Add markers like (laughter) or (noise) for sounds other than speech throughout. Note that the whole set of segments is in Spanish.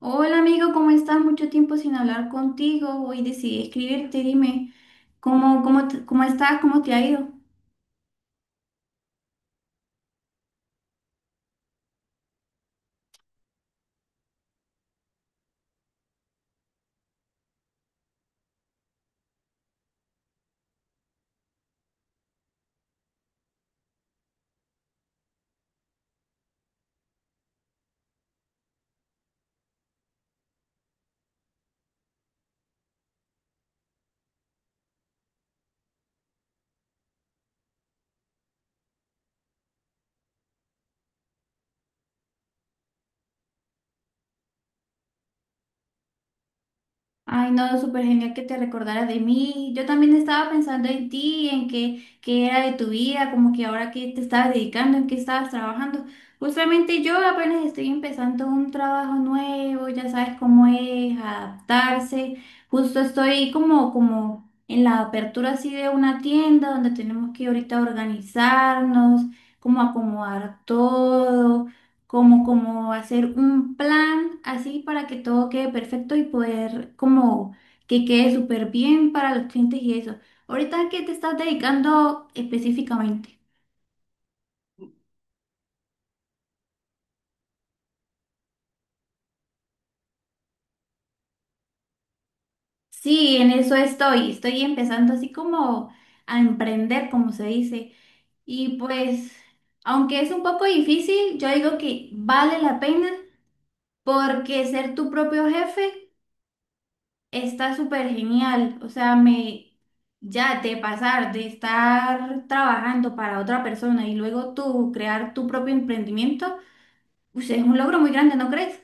Hola amigo, ¿cómo estás? Mucho tiempo sin hablar contigo. Hoy decidí escribirte. Dime, ¿cómo estás? ¿Cómo te ha ido? Ay, no, súper genial que te recordaras de mí. Yo también estaba pensando en ti, en qué era de tu vida, como que ahora qué te estabas dedicando, en qué estabas trabajando. Justamente yo apenas estoy empezando un trabajo nuevo, ya sabes cómo es adaptarse. Justo estoy como en la apertura así de una tienda donde tenemos que ahorita organizarnos, como acomodar todo como hacer un plan así para que todo quede perfecto y poder como que quede súper bien para los clientes y eso. ¿Ahorita a qué te estás dedicando específicamente? Sí, en eso estoy. Estoy empezando así como a emprender, como se dice. Y pues, aunque es un poco difícil, yo digo que vale la pena porque ser tu propio jefe está súper genial, o sea, me ya de pasar de estar trabajando para otra persona y luego tú crear tu propio emprendimiento, pues es un logro muy grande, ¿no crees?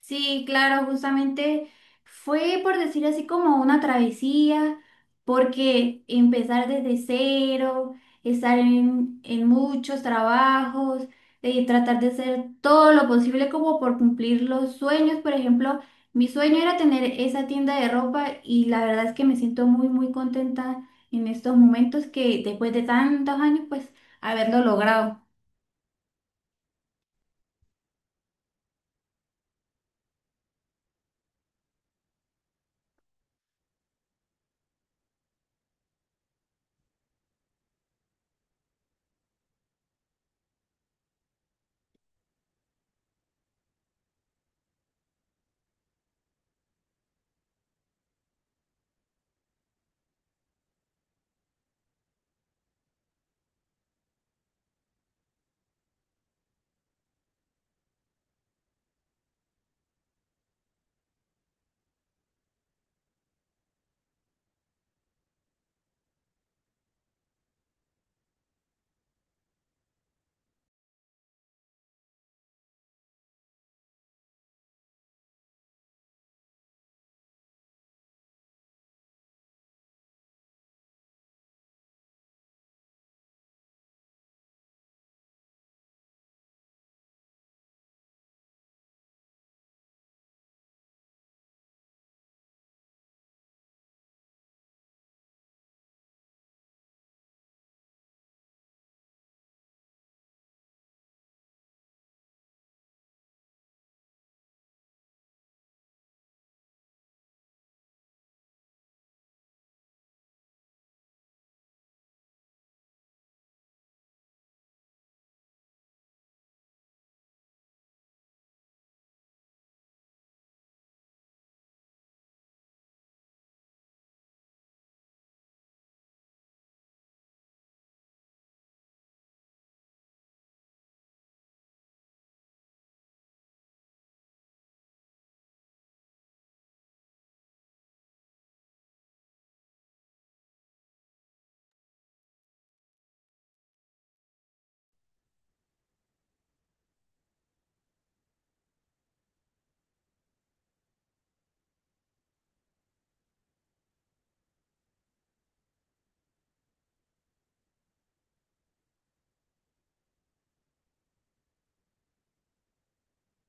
Sí, claro, justamente fue por decir así como una travesía, porque empezar desde cero, estar en muchos trabajos, tratar de hacer todo lo posible como por cumplir los sueños. Por ejemplo, mi sueño era tener esa tienda de ropa y la verdad es que me siento muy, muy contenta en estos momentos que después de tantos años, pues haberlo logrado.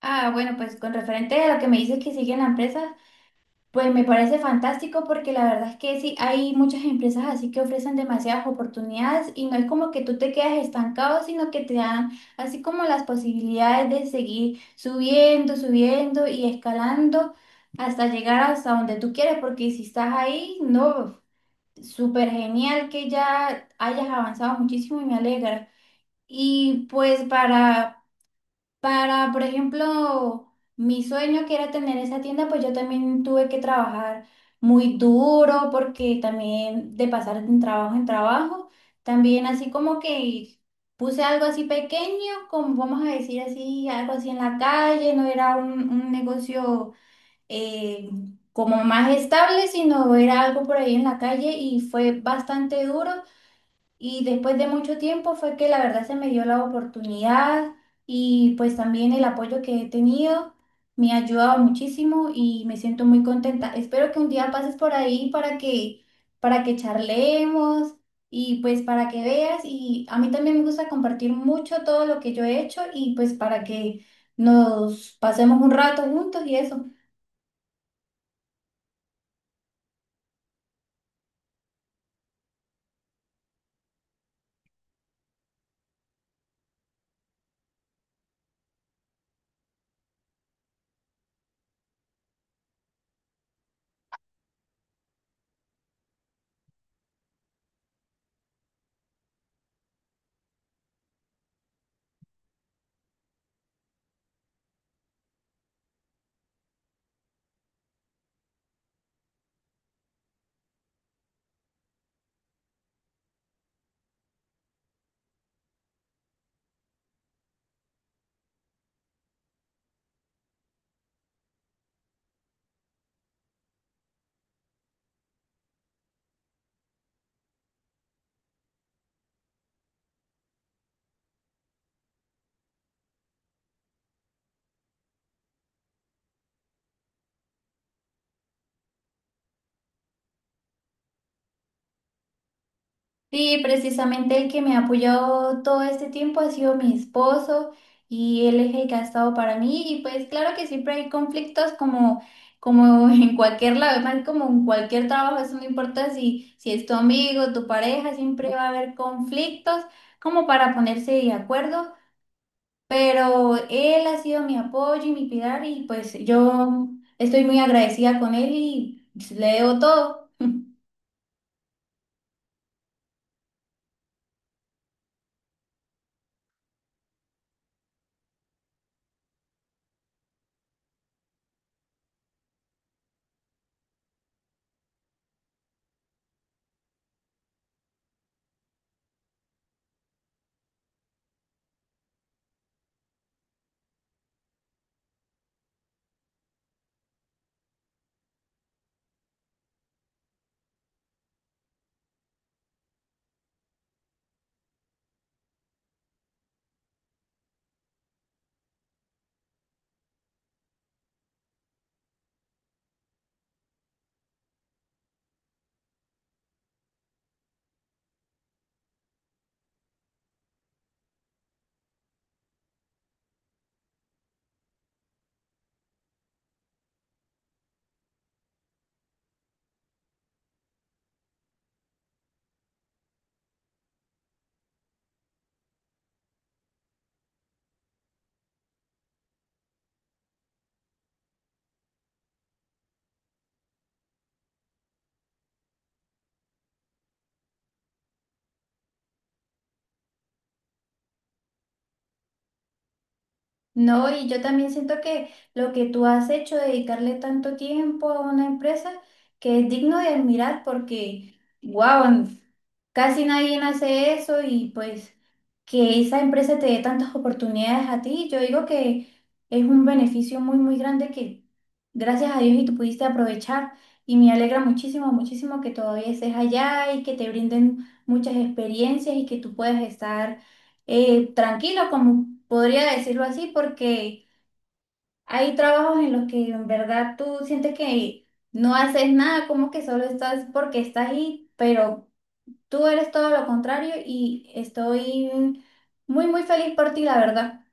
Ah, bueno, pues con referente a lo que me dices que sigue en la empresa. Pues me parece fantástico porque la verdad es que sí, hay muchas empresas así que ofrecen demasiadas oportunidades y no es como que tú te quedas estancado, sino que te dan así como las posibilidades de seguir subiendo, subiendo y escalando hasta llegar hasta donde tú quieres, porque si estás ahí, no, súper genial que ya hayas avanzado muchísimo y me alegra. Y pues para... Para, por ejemplo, mi sueño que era tener esa tienda, pues yo también tuve que trabajar muy duro porque también de pasar de trabajo en trabajo, también así como que puse algo así pequeño, como vamos a decir así, algo así en la calle, no era un negocio eh, como más estable, sino era algo por ahí en la calle y fue bastante duro y después de mucho tiempo fue que la verdad se me dio la oportunidad y pues también el apoyo que he tenido me ha ayudado muchísimo y me siento muy contenta. Espero que un día pases por ahí para que charlemos y pues para que veas y a mí también me gusta compartir mucho todo lo que yo he hecho y pues para que nos pasemos un rato juntos y eso. Sí, precisamente el que me ha apoyado todo este tiempo ha sido mi esposo y él es el que ha estado para mí y pues claro que siempre hay conflictos como, como (laughs) en cualquier lado, más como en cualquier trabajo, eso no importa si es tu amigo, tu pareja, siempre va a haber conflictos como para ponerse de acuerdo, pero él ha sido mi apoyo y mi pilar y pues yo estoy muy agradecida con él y le debo todo. No, y yo también siento que lo que tú has hecho, dedicarle tanto tiempo a una empresa, que es digno de admirar porque, wow, casi nadie hace eso y pues que esa empresa te dé tantas oportunidades a ti, yo digo que es un beneficio muy, muy grande que gracias a Dios y tú pudiste aprovechar y me alegra muchísimo, muchísimo que todavía estés allá y que te brinden muchas experiencias y que tú puedas estar tranquilo, como podría decirlo así, porque hay trabajos en los que en verdad tú sientes que no haces nada, como que solo estás porque estás ahí, pero tú eres todo lo contrario y estoy muy, muy feliz por ti, la verdad.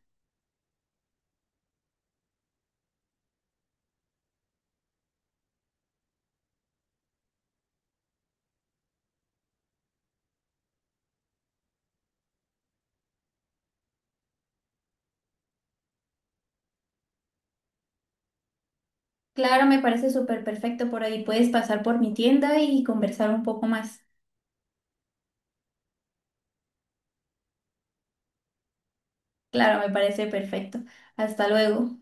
Claro, me parece súper perfecto por ahí. Puedes pasar por mi tienda y conversar un poco más. Claro, me parece perfecto. Hasta luego.